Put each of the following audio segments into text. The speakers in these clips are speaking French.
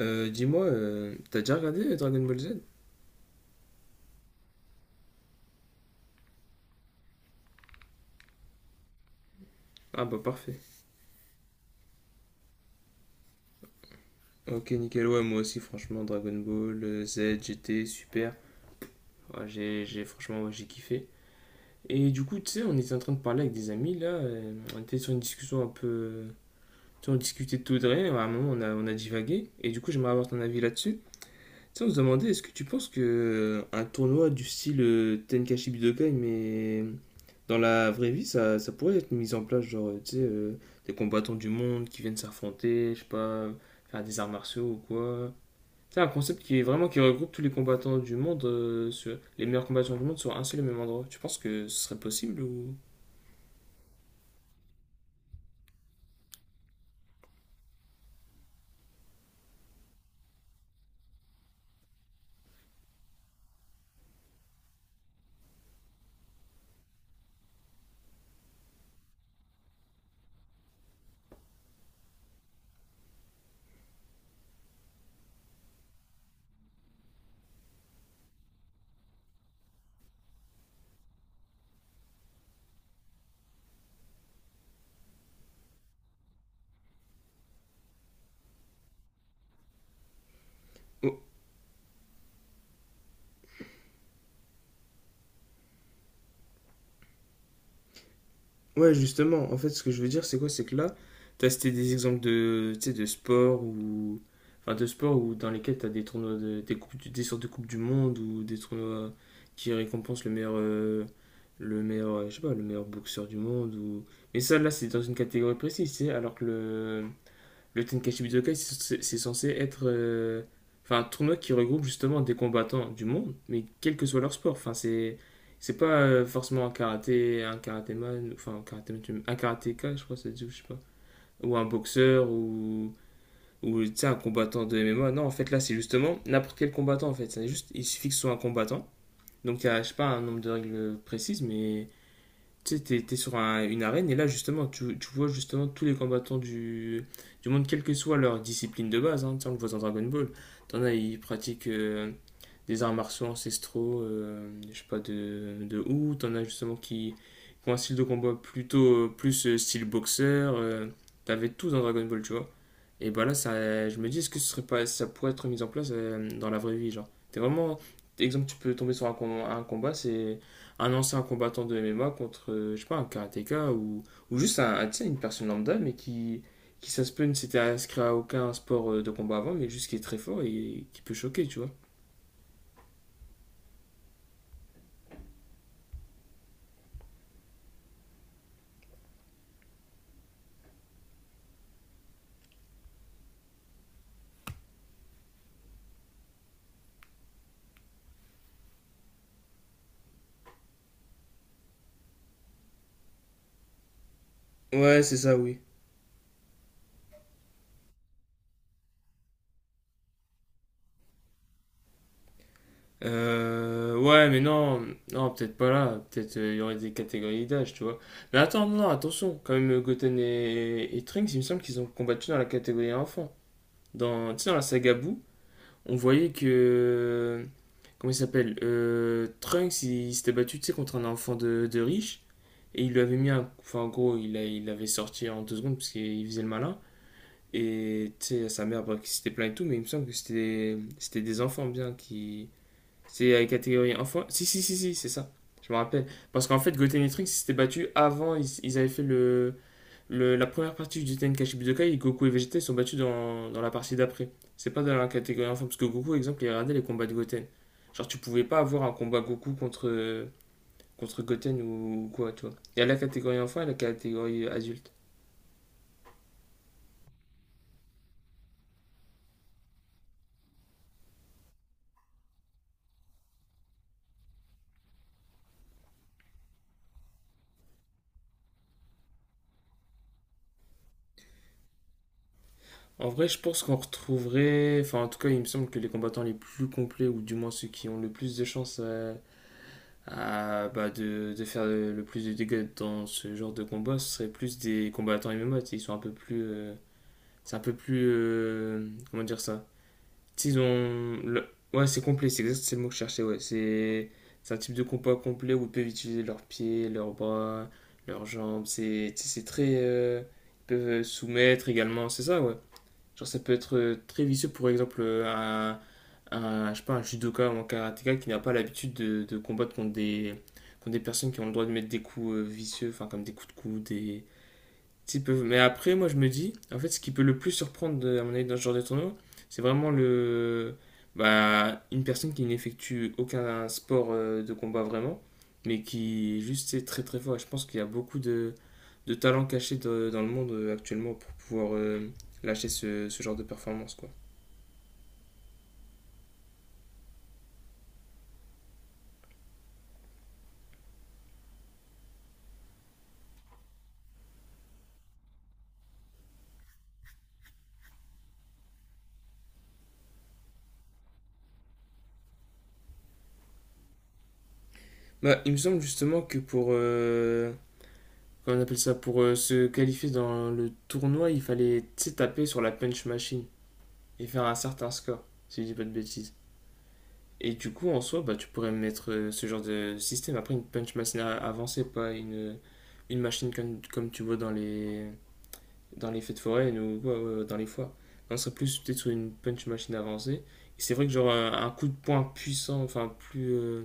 Dis-moi, t'as déjà regardé Dragon Ball Z? Ah bah parfait. Ok, nickel, ouais, moi aussi, franchement, Dragon Ball Z, GT, super. Ouais, franchement, ouais, j'ai kiffé. Et du coup, tu sais, on était en train de parler avec des amis, là, on était sur une discussion un peu. Tu sais, on discutait de tout et de rien, à un moment, on a divagué, et du coup, j'aimerais avoir ton avis là-dessus. Tiens, on se demandait, est-ce que tu penses que un tournoi du style Tenkaichi Budokai, mais dans la vraie vie, ça pourrait être mis en place, genre, tu sais, des combattants du monde qui viennent s'affronter, je sais pas, faire des arts martiaux ou quoi. C'est un concept qui est vraiment qui regroupe tous les combattants du monde, les meilleurs combattants du monde sur un seul et même endroit. Tu penses que ce serait possible ou Ouais, justement, en fait, ce que je veux dire, c'est quoi? C'est que là, tu as cité des exemples de, tu sais, de sport ou. Enfin, de sport ou dans lesquels tu as des tournois, des, coupes, des sortes de coupes du monde ou des tournois qui récompensent le meilleur, je sais pas, le meilleur boxeur du monde ou. Mais ça, là, c'est dans une catégorie précise, tu sais, alors que le. Le Tenkaichi Budokai, c'est censé être enfin, un tournoi qui regroupe justement des combattants du monde, mais quel que soit leur sport. Enfin, c'est pas forcément un karaté, un karatéman, enfin un karatéman, un karatéka, je crois, que ça se dit, ou je sais pas, ou un boxeur ou tu sais, un combattant de MMA. Non, en fait là, c'est justement n'importe quel combattant en fait. C'est juste, il suffit que ce soit un combattant. Donc il y a, je sais pas, un nombre de règles précises, mais tu sais, t'es sur une arène et là, justement, tu vois justement tous les combattants du monde, quelle que soit leur discipline de base. Hein, tu sais, on le voit dans Dragon Ball. T'en as, ils pratiquent des arts martiaux ancestraux, je sais pas, de où. T'en as justement qui ont un style de combat plutôt plus style boxeur. T'avais tout dans Dragon Ball, tu vois. Et bah là, ça, je me dis, est-ce que ce serait pas, ça pourrait être mis en place dans la vraie vie, genre. T'es vraiment, exemple, tu peux tomber sur un combat, c'est un ancien combattant de MMA contre, je sais pas, un karatéka ou juste tu sais, une personne lambda, mais qui ça se peut, ne s'était inscrit à aucun sport de combat avant, mais juste qui est très fort et qui peut choquer, tu vois. Ouais, c'est ça, oui. Ouais, mais non, non, peut-être pas là. Peut-être il y aurait des catégories d'âge, tu vois. Mais attends, non, non, attention. Quand même, Goten et Trunks, il me semble qu'ils ont combattu dans la catégorie enfant. Dans, tu sais, dans la saga Boo. On voyait que. Comment il s'appelle, Trunks, il s'était battu, tu sais, contre un enfant de riche. Et il lui avait mis un. Enfin, en gros, il l'avait sorti en 2 secondes parce qu'il faisait le malin. Et tu sais, sa mère, bah, qui s'était plaint et tout, mais il me semble que c'était des enfants bien qui. C'était la catégorie enfant. Si, si, si, si, c'est ça. Je me rappelle. Parce qu'en fait, Goten et Trunks, ils s'étaient battus avant, ils avaient fait le. La première partie du Tenkaichi Budokai, Goku et Vegeta ils sont battus dans la partie d'après. C'est pas dans la catégorie enfant, parce que Goku, par exemple, il regardait les combats de Goten. Genre, tu pouvais pas avoir un combat Goku contre Goten ou quoi, tu vois. Il y a la catégorie enfant et la catégorie adulte. En vrai, je pense qu'on retrouverait. Enfin, en tout cas, il me semble que les combattants les plus complets, ou du moins ceux qui ont le plus de chances à, bah, de faire le plus de dégâts dans ce genre de combat, ce serait plus des combattants MMA. Tu sais, ils sont un peu plus. C'est un peu plus. Comment dire ça? Tu sais, ils ont. Ouais, c'est complet, c'est exact, c'est le mot que je cherchais, ouais. C'est un type de combat complet où ils peuvent utiliser leurs pieds, leurs bras, leurs jambes. C'est, tu sais, c'est très. Ils peuvent soumettre également, c'est ça, ouais. Genre, ça peut être très vicieux, pour exemple, un. Un, je sais pas, un judoka ou un karatéka qui n'a pas l'habitude de combattre contre contre des personnes qui ont le droit de mettre des coups vicieux, enfin, comme des coups de coude, des petit peu. Mais après, moi, je me dis, en fait, ce qui peut le plus surprendre, à mon avis, dans ce genre de tournoi, c'est vraiment le, bah, une personne qui n'effectue aucun sport de combat vraiment, mais qui juste est très très fort. Et je pense qu'il y a beaucoup de talents cachés dans le monde actuellement pour pouvoir lâcher ce genre de performance, quoi. Bah, il me semble justement que pour, comment on appelle ça, pour se qualifier dans le tournoi, il fallait tu sais, taper sur la punch machine et faire un certain score, si je dis pas de bêtises. Et du coup, en soi, bah, tu pourrais mettre ce genre de système. Après, une punch machine avancée, pas une machine comme tu vois dans les fêtes foraines ou ouais, ouais, ouais, dans les foires. On serait plus peut-être sur une punch machine avancée. Et c'est vrai que genre un coup de poing puissant, enfin plus.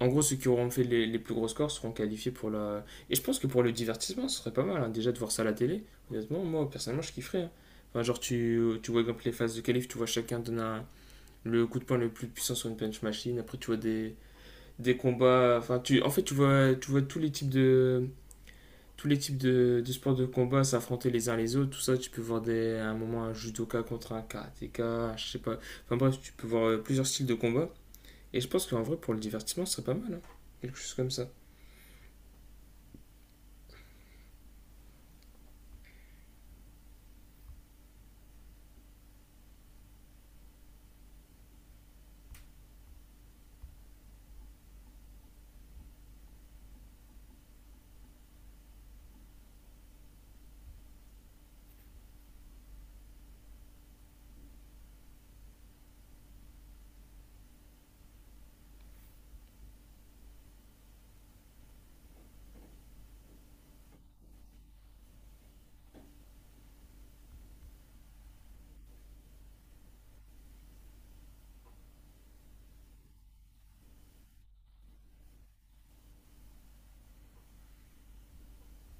En gros, ceux qui auront fait les plus gros scores seront qualifiés pour la. Et je pense que pour le divertissement, ce serait pas mal, hein, déjà de voir ça à la télé. Honnêtement, moi, personnellement, je kifferais, hein. Enfin, genre, tu vois, par exemple, les phases de qualif, tu vois chacun donner un le coup de poing le plus puissant sur une punch machine. Après, tu vois des combats. Enfin, tu, en fait, tu vois tous les types de sports de combat s'affronter les uns les autres. Tout ça, tu peux voir des, à un moment un judoka contre un karatéka. Je sais pas. Enfin bref, tu peux voir plusieurs styles de combat. Et je pense qu'en vrai, pour le divertissement, ce serait pas mal, hein. Quelque chose comme ça.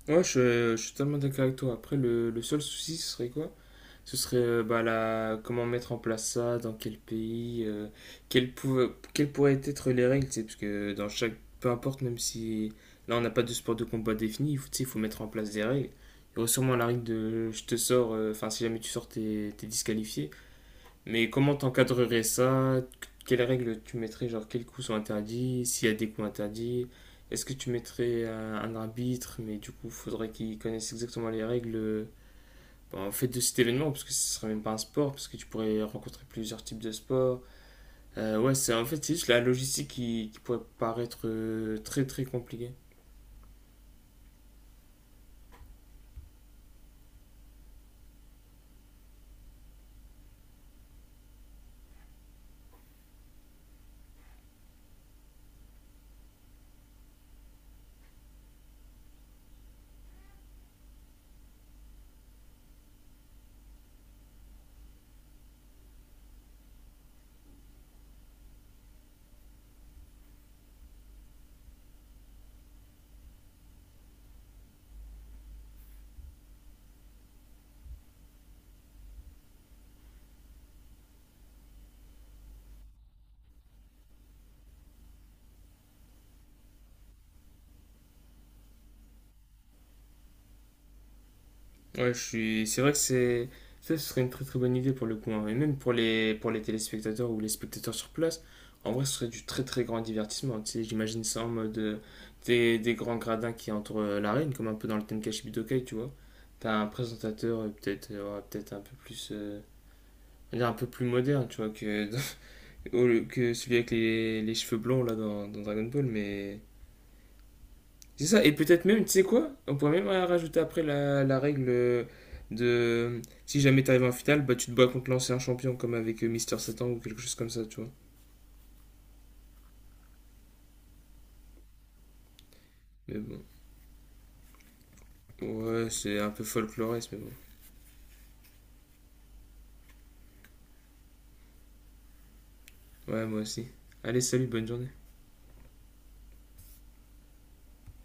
Ouais, je suis totalement d'accord avec toi. Après, le seul souci, ce serait quoi? Ce serait bah, comment mettre en place ça, dans quel pays, quelles pourraient être les règles, tu sais, parce que dans chaque. Peu importe, même si là on n'a pas de sport de combat défini, il faut, tu sais, il faut mettre en place des règles. Il y aurait sûrement la règle de je te sors, enfin si jamais tu sors, t'es disqualifié. Mais comment t'encadrerais ça? Quelles règles tu mettrais, genre quels coups sont interdits, s'il y a des coups interdits? Est-ce que tu mettrais un arbitre, mais du coup faudrait qu'il connaisse exactement les règles en fait de cet événement parce que ce serait même pas un sport parce que tu pourrais rencontrer plusieurs types de sports. Ouais, c'est en fait c'est juste la logistique qui pourrait paraître très très compliquée. Ouais, je suis, c'est vrai que c'est ça, ce serait une très très bonne idée pour le coup, hein. Et même pour les téléspectateurs ou les spectateurs sur place, en vrai ce serait du très très grand divertissement. Tu sais, j'imagine ça en mode des grands gradins qui entourent l'arène comme un peu dans le Tenkaichi Budokai, tu vois. T'as un présentateur peut-être ouais, peut-être un peu plus on va dire un peu plus moderne, tu vois, que. Oh, que celui avec les cheveux blonds là dans Dragon Ball, mais c'est ça. Et peut-être même, tu sais quoi? On pourrait même rajouter après la règle de si jamais t'arrives en finale, bah tu te bats contre l'ancien champion comme avec Mister Satan ou quelque chose comme ça, tu vois. Mais bon, ouais, c'est un peu folkloriste, mais bon. Ouais, moi aussi. Allez, salut, bonne journée.